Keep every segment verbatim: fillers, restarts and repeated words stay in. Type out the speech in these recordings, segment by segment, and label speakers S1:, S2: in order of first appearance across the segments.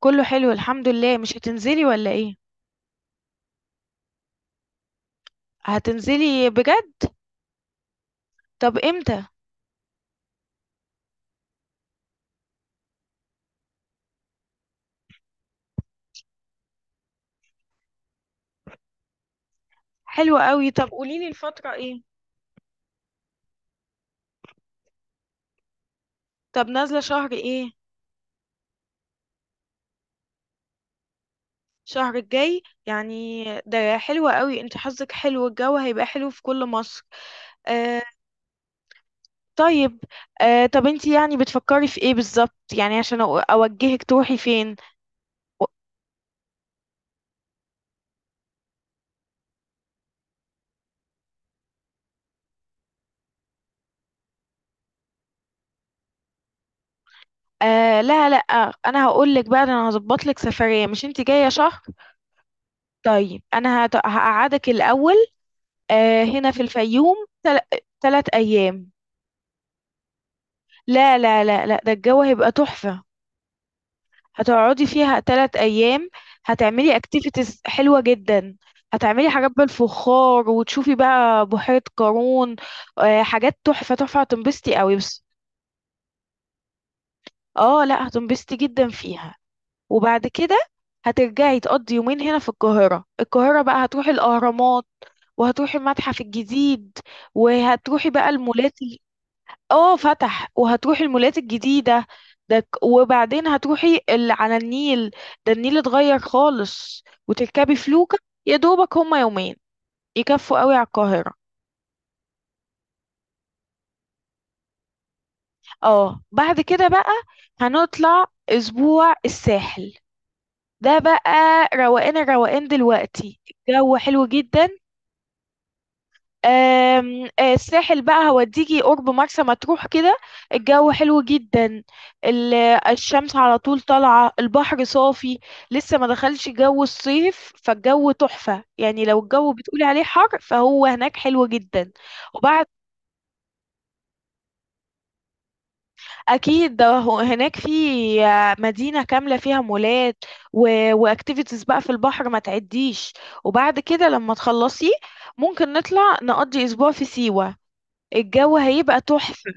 S1: كله حلو الحمد لله. مش هتنزلي ولا ايه؟ هتنزلي بجد؟ طب امتى؟ حلو قوي. طب قوليلي الفترة ايه؟ طب نازلة شهر ايه؟ شهر الجاي يعني، ده حلو قوي. انت حظك حلو، الجو هيبقى حلو في كل مصر. آه. طيب. آه، طب انت يعني بتفكري في ايه بالظبط، يعني عشان أو- اوجهك تروحي فين؟ آه، لا لا، انا هقول لك بقى. ده انا هظبط لك سفرية، مش انت جاية شهر؟ طيب انا هت- هقعدك الاول، آه، هنا في الفيوم. تل... تلات أيام. لا لا لا لا، ده الجو هيبقى تحفة. هتقعدي فيها تلات أيام. هتعملي اكتيفيتيز حلوة جدا. هتعملي حاجات بالفخار، وتشوفي بقى بحيرة قارون. آه، حاجات تحفة تحفة، هتنبسطي قوي بس. اه لا، هتنبسطي جدا فيها. وبعد كده هترجعي تقضي يومين هنا في القاهرة. القاهرة بقى هتروحي الأهرامات، وهتروحي المتحف الجديد، وهتروحي بقى المولات. اه فتح، وهتروحي المولات الجديدة. ده ك- وبعدين هتروحي اللي على النيل. ده النيل اتغير خالص، وتركبي فلوكة. يا دوبك هما يومين يكفوا قوي على القاهرة. اه، بعد كده بقى هنطلع اسبوع الساحل. ده بقى روقان. الروقان دلوقتي الجو حلو جدا. آم، آه، الساحل بقى هوديكي قرب مرسى مطروح كده. الجو حلو جدا. ال- الشمس على طول طالعة، البحر صافي. لسه ما دخلش جو الصيف، فالجو تحفة. يعني لو الجو بتقولي عليه حر، فهو هناك حلو جدا. وبعد، أكيد ده هو- هناك في آه، مدينة كاملة فيها مولات و... واكتيفيتيز بقى في البحر ما تعديش. وبعد كده لما تخلصي، ممكن نطلع نقضي أسبوع في سيوة. الجو هيبقى تحفة.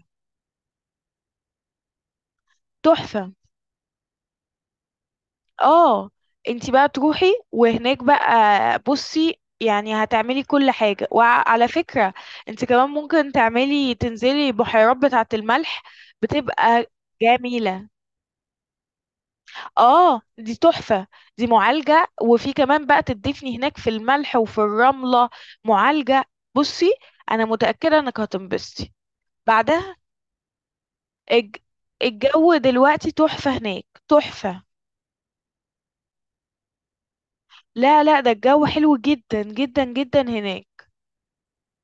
S1: تحفة. اه، انتي بقى تروحي، وهناك بقى بصي، يعني هتعملي كل حاجة. وعلى فكرة، انتي كمان ممكن تعملي، تنزلي بحيرات بتاعة الملح. بتبقى جميلة. اه دي تحفة. دي معالجة، وفي كمان بقى تدفني هناك في الملح وفي الرملة. معالجة. بصي، انا متأكدة انك هتنبسطي بعدها. الج- الجو دلوقتي تحفة هناك، تحفة. لا لا، ده الجو حلو جدا جدا جدا هناك.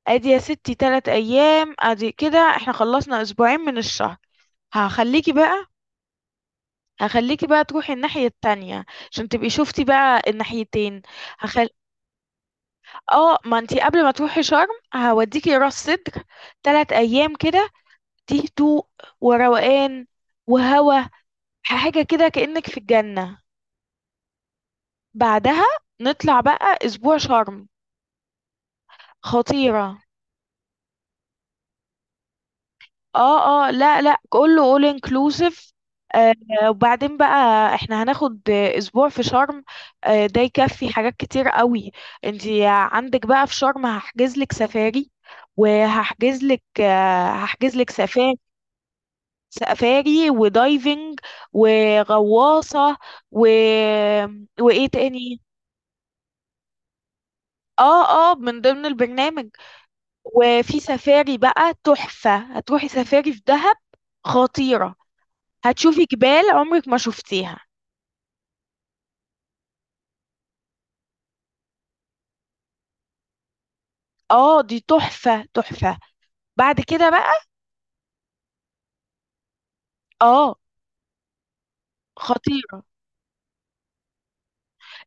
S1: ادي يا ستي تلات ايام، ادي كده احنا خلصنا اسبوعين من الشهر. هخليكي بقى. هخليكي بقى تروحي الناحية التانية عشان تبقي شفتي بقى الناحيتين. هخل... اه، ما انتي قبل ما تروحي شرم هوديكي راس سدر تلات ايام كده. دي هدوء وروقان وهوا، حاجة كده كأنك في الجنة. بعدها نطلع بقى اسبوع شرم. خطيرة. اه اه، لا لا، كله all inclusive. آه. وبعدين بقى احنا هناخد آه، اسبوع في شرم. آه ده يكفي حاجات كتير قوي. انتي عندك بقى في شرم هحجز لك سفاري، وهحجز لك آه هحجز لك سفاري سفاري ودايفنج وغواصة و... وايه تاني. اه اه، من ضمن البرنامج. وفي سفاري بقى تحفة، هتروحي سفاري في دهب. خطيرة. هتشوفي جبال عمرك ما شفتيها. اه دي تحفة تحفة. بعد كده بقى، اه خطيرة.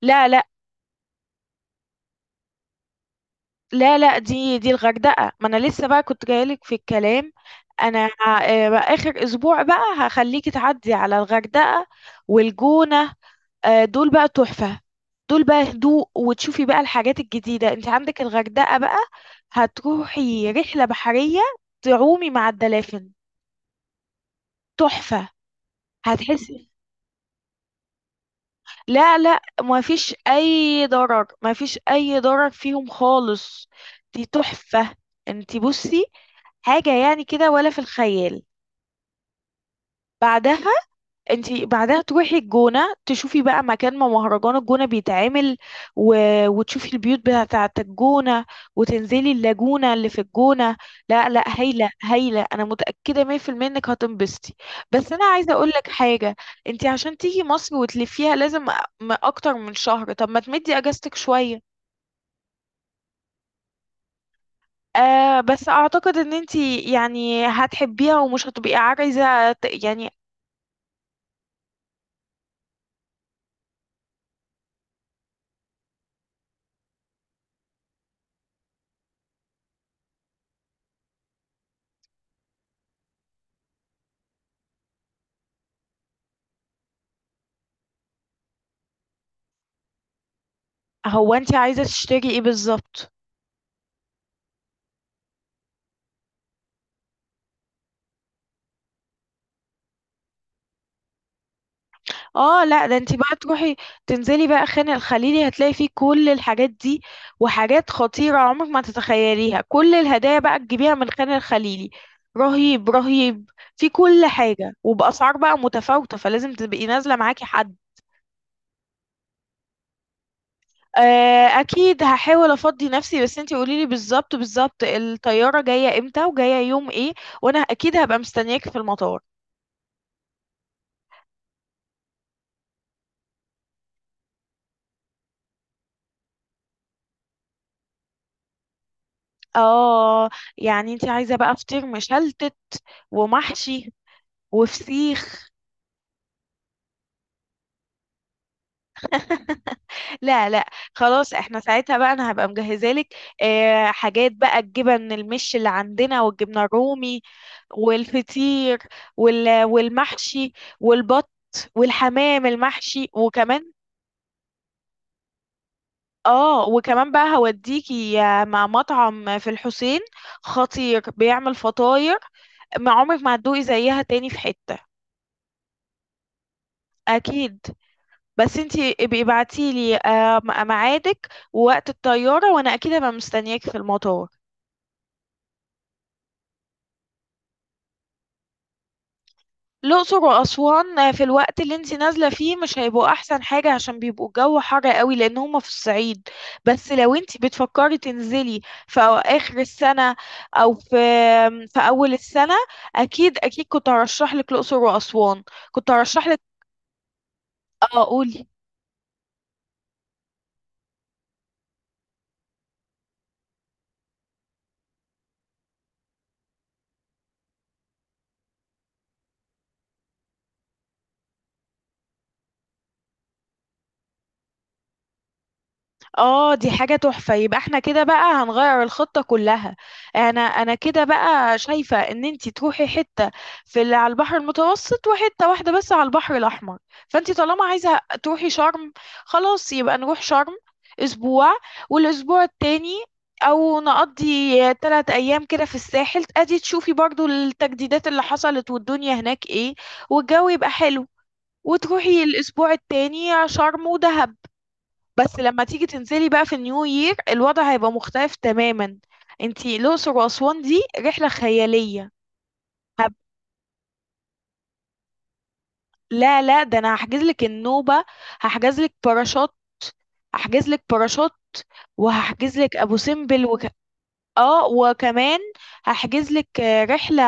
S1: لا لا لا لا، دي دي الغردقة. ما انا لسه بقى كنت جايلك في الكلام. انا آه، بقى اخر اسبوع بقى هخليكي تعدي على الغردقة والجونة. آه، دول بقى تحفة. دول بقى هدوء. وتشوفي بقى الحاجات الجديدة. انت عندك الغردقة بقى هتروحي رحلة بحرية، تعومي مع الدلافين. تحفة. هتحسي. لا لا، ما فيش اي ضرر، ما فيش اي ضرر فيهم خالص. دي تحفة. انتي بصي، حاجة يعني كده ولا في الخيال. بعدها انتي بعدها تروحي الجونة، تشوفي بقى مكان ما مهرجان الجونة بيتعمل و... وتشوفي البيوت بتاعة الجونة، وتنزلي اللاجونة اللي في الجونة. لا لا، هايلة هايلة، انا متأكدة مية بالمية انك هتنبسطي. بس انا عايزة اقول لك حاجة. انتي عشان تيجي مصر وتلفيها لازم أ- م- اكتر من شهر. طب ما تمدي اجازتك شوية. آه بس اعتقد ان انتي يعني هتحبيها، ومش هتبقي عايزة ت- يعني. هو انتي عايزة تشتري ايه بالظبط؟ اه لا، ده انتي بقى تروحي، تنزلي بقى خان الخليلي، هتلاقي فيه كل الحاجات دي وحاجات خطيرة عمرك ما تتخيليها. كل الهدايا بقى تجيبيها من خان الخليلي. رهيب رهيب. في كل حاجة، وبأسعار بقى متفاوتة، فلازم تبقي نازلة معاكي حد. آه اكيد هحاول افضي نفسي. بس انتي قوليلي بالظبط بالظبط الطيارة جاية امتى وجاية يوم ايه، وانا اكيد هبقى مستنياكي في المطار. اه، يعني انتي عايزة بقى فطير مشلتت، ومحشي، وفسيخ. لا لا، خلاص احنا ساعتها بقى انا هبقى مجهزه لك. اه حاجات بقى الجبن المش اللي عندنا، والجبنه الرومي، والفطير، وال والمحشي، والبط، والحمام المحشي. وكمان اه، وكمان بقى هوديكي آه، مع مطعم في الحسين، خطير بيعمل فطاير ما عمرك ما هتدوقي زيها تاني في حتة. اكيد. بس انتي ابقي ابعتي لي ميعادك ووقت الطيارة، وانا اكيد هبقى مستنياكي في المطار. الأقصر وأسوان آه، في الوقت اللي انتي نازلة فيه مش هيبقوا أحسن حاجة، عشان بيبقوا الجو حر قوي، لأن هما في الصعيد. بس لو انتي بتفكري تنزلي في أو- آخر السنة، أو في في أول السنة، أكيد أكيد كنت هرشح لك الأقصر وأسوان. كنت هرشح لك. اه قولي. اه دي حاجة تحفة، يبقى احنا كده بقى هنغير الخطة كلها. انا انا كده بقى شايفة ان انتي تروحي حتة في اللي على البحر المتوسط، وحتة واحدة بس على البحر الاحمر. فانتي طالما عايزة تروحي شرم، خلاص يبقى نروح شرم اسبوع، والاسبوع التاني او نقضي تلات ايام كده في الساحل، ادي تشوفي برضو التجديدات اللي حصلت والدنيا هناك ايه، والجو يبقى حلو. وتروحي الاسبوع التاني شرم ودهب. بس لما تيجي تنزلي بقى في النيو يير الوضع هيبقى مختلف تماما. انتي الأقصر وأسوان دي رحلة خيالية. هب... لا لا، ده انا هحجز لك النوبة، هحجز لك باراشوت. هحجز لك باراشوت، وهحجز لك ابو سمبل وك... اه وكمان، هحجز لك آه، رحلة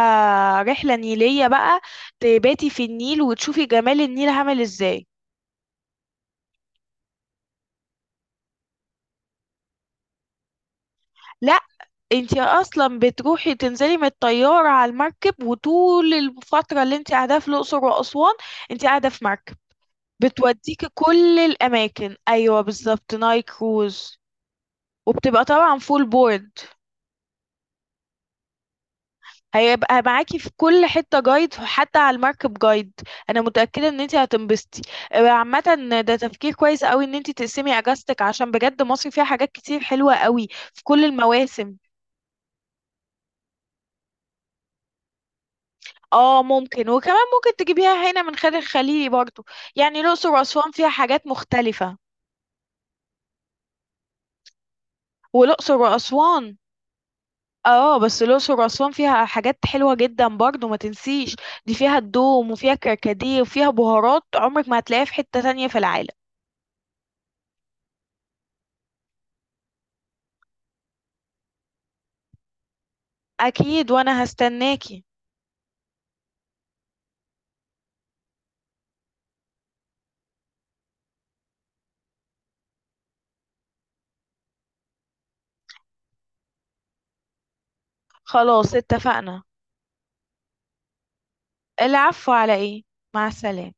S1: رحلة نيلية بقى، تباتي في النيل، وتشوفي جمال النيل عامل ازاي. لا، انتي اصلا بتروحي تنزلي من الطيارة على المركب، وطول الفترة اللي انتي قاعدة في الاقصر واسوان انتي قاعدة في مركب بتوديكي كل الاماكن. ايوه بالظبط، نايل كروز. وبتبقى طبعا فول بورد. هيبقى معاكي في كل حتة جايد، حتى على المركب جايد. انا متأكدة ان انتي هتنبسطي. آه، عامة ده تفكير كويس قوي ان انتي تقسمي اجازتك، عشان بجد مصر فيها حاجات كتير حلوة قوي في كل المواسم. اه ممكن، وكمان ممكن تجيبيها هنا من خارج الخليلي برضو. يعني الأقصر وأسوان فيها حاجات مختلفة. والأقصر وأسوان، اه بس الأقصر وأسوان فيها حاجات حلوة جدا برضو ما تنسيش. دي فيها الدوم، وفيها كركديه، وفيها بهارات عمرك ما هتلاقيها في حتة تانية في العالم. أكيد وأنا هستناكي. خلاص اتفقنا. العفو على ايه. مع السلامة.